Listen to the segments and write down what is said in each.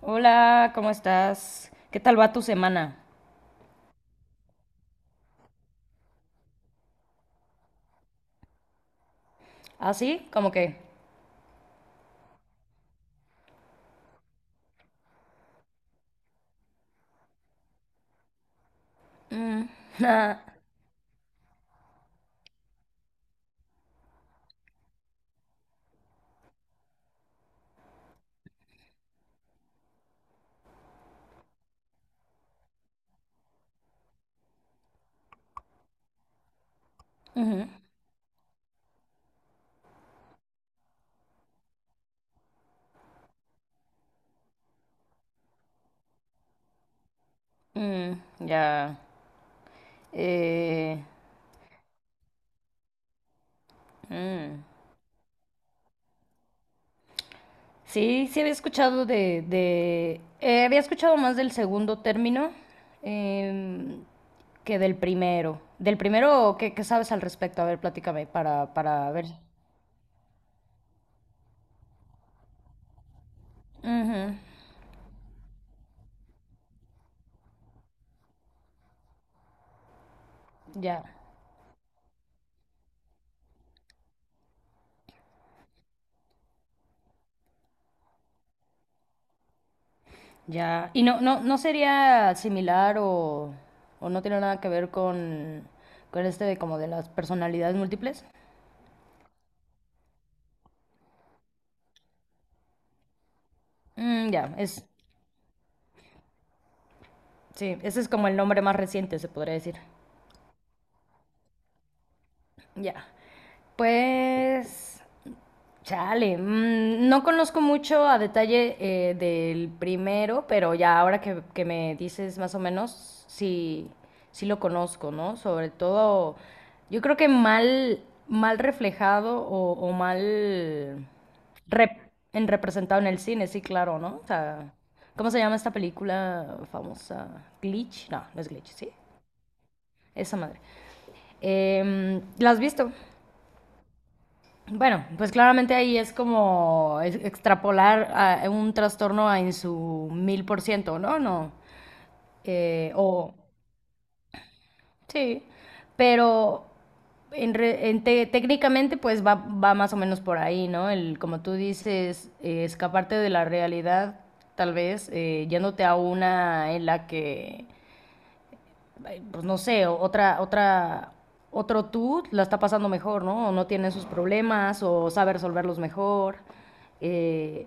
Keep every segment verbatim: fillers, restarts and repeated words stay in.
Hola, ¿cómo estás? ¿Qué tal va tu semana? ¿Así? ¿Cómo que? Mm, ah, ujú, mm, ya. Eh, mm. Sí, sí había escuchado de, de- eh, había escuchado más del segundo término em, que del primero. Del primero, ¿qué, qué sabes al respecto? A ver, platícame para, para ver. Ujú, ya. Ya, y no, no, no sería similar o, o no tiene nada que ver con, con este de como de las personalidades múltiples. Mm, ya, es, sí, ese es como el nombre más reciente, se podría decir. Ya, pues chale, mm, no conozco mucho a detalle eh, del primero, pero ya ahora que, que me dices más o menos, sí, sí lo conozco, ¿no? Sobre todo, yo creo que mal, mal reflejado o, o mal rep- en representado en el cine, sí, claro, ¿no? O sea, ¿cómo se llama esta película famosa? ¿Glitch? No, no es Glitch, ¿sí? Esa madre. Em, ¿la has visto? Bueno, pues claramente ahí es como es- extrapolar a un trastorno a en su mil por ciento, ¿no? No. Eh, o sí, pero en re- en te- técnicamente pues va, va más o menos por ahí, ¿no? El, como tú dices, eh, escaparte de la realidad, tal vez, eh, yéndote a una en la que pues no sé, otra, otra, otro tú la está pasando mejor, ¿no? O no tiene sus problemas, o sabe resolverlos mejor. Eh,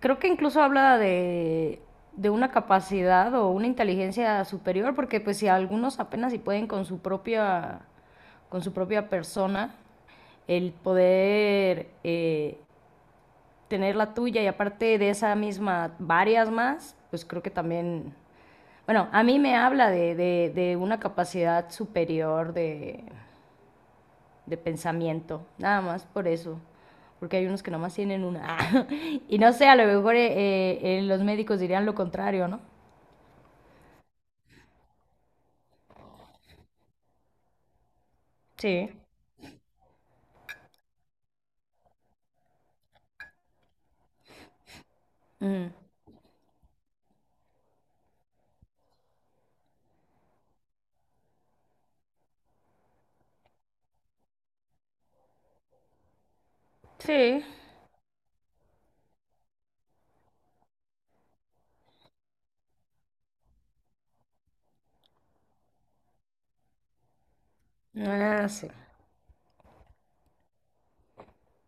Creo que incluso habla de, de una capacidad o una inteligencia superior, porque pues si algunos apenas si pueden con su propia, con su propia persona, el poder eh, tener la tuya y aparte de esa misma, varias más, pues creo que también bueno, a mí me habla de, de- de una capacidad superior de, de pensamiento, nada más por eso. Porque hay unos que nomás tienen una. Y no sé, a lo mejor eh, eh, eh, los médicos dirían lo contrario, ¿no? Sí. Mm. Sí. Ah, sí.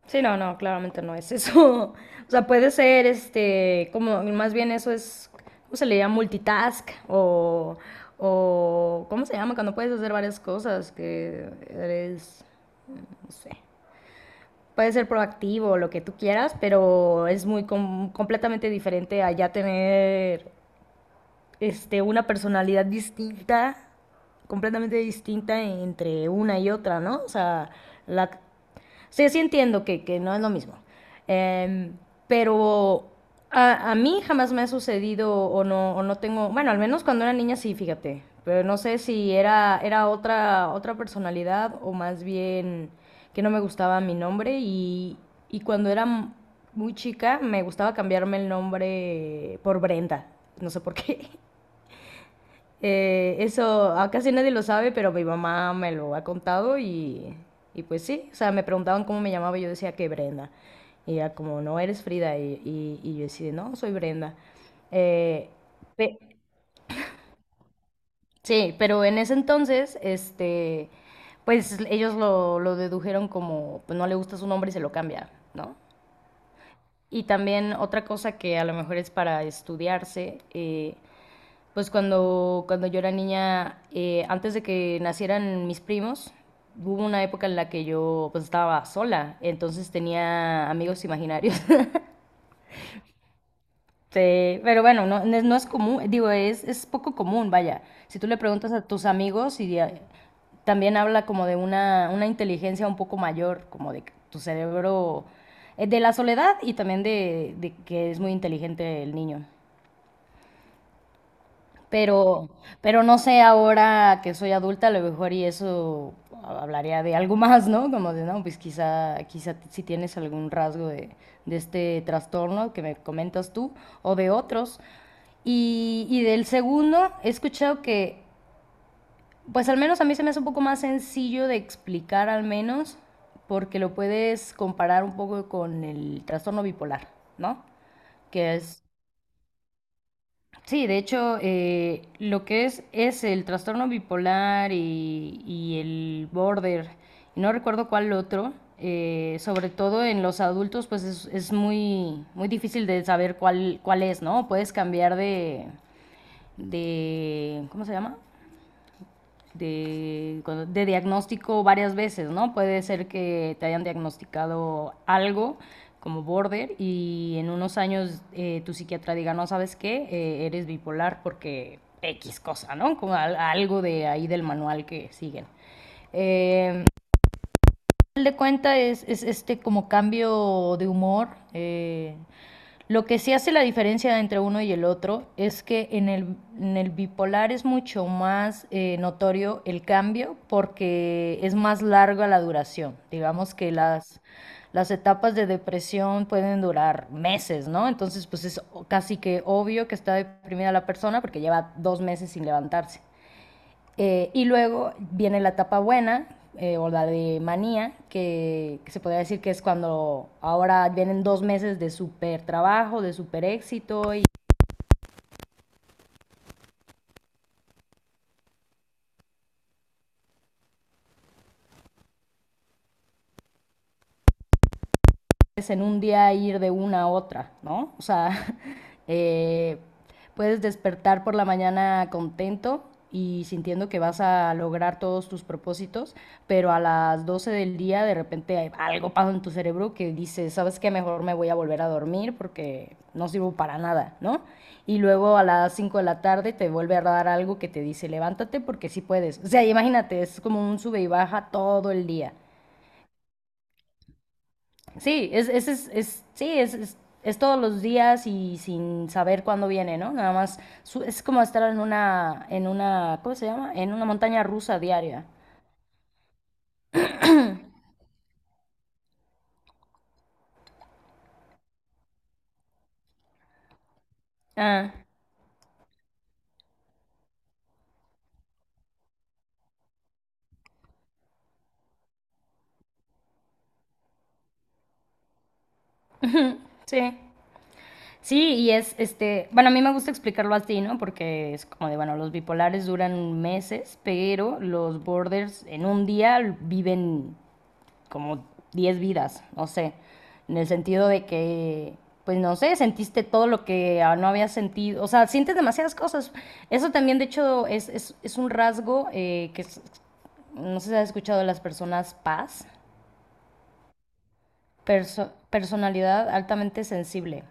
Sí, no, no, claramente no es eso. O sea, puede ser, este, como, más bien eso es, ¿cómo se le llama? Multitask o, o, ¿cómo se llama? Cuando puedes hacer varias cosas que eres, no sé. Puede ser proactivo, lo que tú quieras, pero es muy com- completamente diferente a ya tener este, una personalidad distinta, completamente distinta entre una y otra, ¿no? O sea, la, o sea, sí entiendo que, que no es lo mismo. Em, pero a, a mí jamás me ha sucedido o no, o no, tengo, bueno, al menos cuando era niña sí, fíjate, pero no sé si era, era otra, otra personalidad o más bien que no me gustaba mi nombre y, y cuando era m- muy chica me gustaba cambiarme el nombre por Brenda, no sé por qué. Eh, eso ah, casi nadie lo sabe, pero mi mamá me lo ha contado y, y pues sí, o sea, me preguntaban cómo me llamaba y yo decía que Brenda. Y ella como, no, eres Frida. Y, y- y yo decía, no, soy Brenda. Eh, pe- sí, pero en ese entonces, este, pues ellos lo, lo dedujeron como, pues no le gusta su nombre y se lo cambia, ¿no? Y también otra cosa que a lo mejor es para estudiarse, eh, pues cuando, cuando yo era niña, eh, antes de que nacieran mis primos, hubo una época en la que yo pues estaba sola, entonces tenía amigos imaginarios. Sí, pero bueno, no, no es no es común, digo, es, es poco común, vaya. Si tú le preguntas a tus amigos y a- también habla como de una, una inteligencia un poco mayor, como de que tu cerebro, eh, de la soledad y también de, de que es muy inteligente el niño. Pero, pero no sé, ahora que soy adulta, a lo mejor y eso hablaría de algo más, ¿no? Como de, no, pues quizá, quizá si tienes algún rasgo de, de este trastorno que me comentas tú o de otros. Y, y del segundo, he escuchado que, pues al menos a mí se me hace un poco más sencillo de explicar al menos, porque lo puedes comparar un poco con el trastorno bipolar, ¿no? Que es. Sí, de hecho, eh, lo que es es el trastorno bipolar y, y el border, y no recuerdo cuál otro, eh, sobre todo en los adultos, pues es, es muy, muy difícil de saber cuál, cuál es, ¿no? Puedes cambiar de, de, ¿cómo se llama? de, de diagnóstico varias veces, ¿no? Puede ser que te hayan diagnosticado algo como border y en unos años eh, tu psiquiatra diga, no, ¿sabes qué? Eh, eres bipolar porque equis cosa, ¿no? Como algo de ahí del manual que siguen. Eh, Final de cuentas es, es este como cambio de humor. eh, lo que sí hace la diferencia entre uno y el otro es que en el, en el bipolar es mucho más eh, notorio el cambio porque es más larga la duración. Digamos que las, las etapas de depresión pueden durar meses, ¿no? Entonces, pues es o- casi que obvio que está deprimida la persona porque lleva dos meses sin levantarse. Eh, y luego viene la etapa buena, eh, o la de manía, que, que, se podría decir que es cuando ahora vienen dos meses de súper trabajo, de súper éxito y puedes en un día ir de una a otra, ¿no? O sea, eh, puedes despertar por la mañana contento y sintiendo que vas a lograr todos tus propósitos, pero a las doce del día de repente hay- algo pasa en tu cerebro que dice, ¿sabes qué? Mejor me voy a volver a dormir porque no sirvo para nada, ¿no? Y luego a las cinco de la tarde te vuelve a dar algo que te dice, levántate porque sí puedes. O sea, imagínate, es como un sube y baja todo el día. Sí, es, es, es, es- sí, es, es- es todos los días y sin saber cuándo viene, ¿no? Nada más su- es como estar en una, en una, ¿cómo se llama? En una montaña rusa diaria. Ah, sí. Sí, y es, este, bueno, a mí me gusta explicarlo así, ¿no? Porque es como de, bueno, los bipolares duran meses, pero los borders en un día viven como diez vidas, no sé, en el sentido de que, pues no sé, sentiste todo lo que ah, no habías sentido, o sea, sientes demasiadas cosas. Eso también, de hecho, es, es, es un rasgo eh, que es- no sé si has escuchado de las personas paz, perso- personalidad altamente sensible.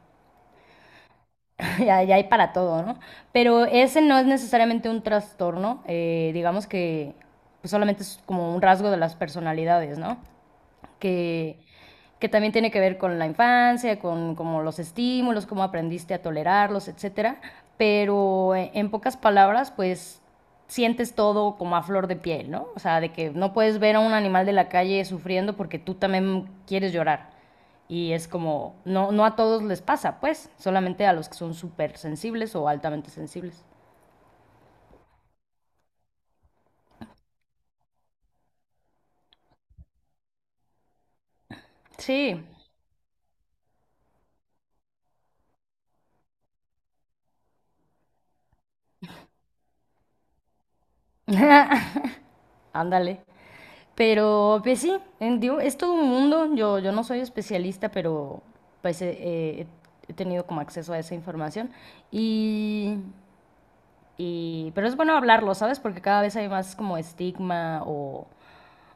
Ya, ya hay para todo, ¿no? Pero ese no es necesariamente un trastorno, eh, digamos que pues, solamente es como un rasgo de las personalidades, ¿no? que, que también tiene que ver con la infancia, con como los estímulos, cómo aprendiste a tolerarlos, etcétera. Pero eh, en pocas palabras, pues sientes todo como a flor de piel, ¿no? O sea, de que no puedes ver a un animal de la calle sufriendo porque tú también quieres llorar. Y es como, no, no a todos les pasa, pues, solamente a los que son súper sensibles o altamente sensibles. Sí. Ándale. Pero pues sí, en- digo, es todo un mundo. Yo, yo no soy especialista, pero pues eh, eh, he tenido como acceso a esa información. Y, y- pero es bueno hablarlo, ¿sabes? Porque cada vez hay más como estigma o,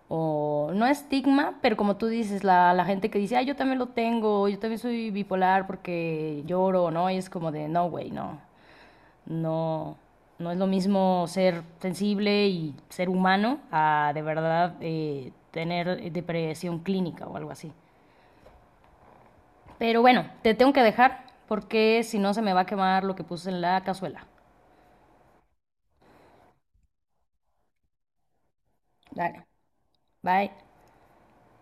o no estigma, pero como tú dices, la, la gente que dice, ah, yo también lo tengo, yo también soy bipolar porque lloro, ¿no? Y es como de, no, güey, no. No, no es lo mismo ser sensible y ser humano a de verdad eh, tener depresión clínica o algo así. Pero bueno, te tengo que dejar porque si no se me va a quemar lo que puse en la cazuela. Dale, bye.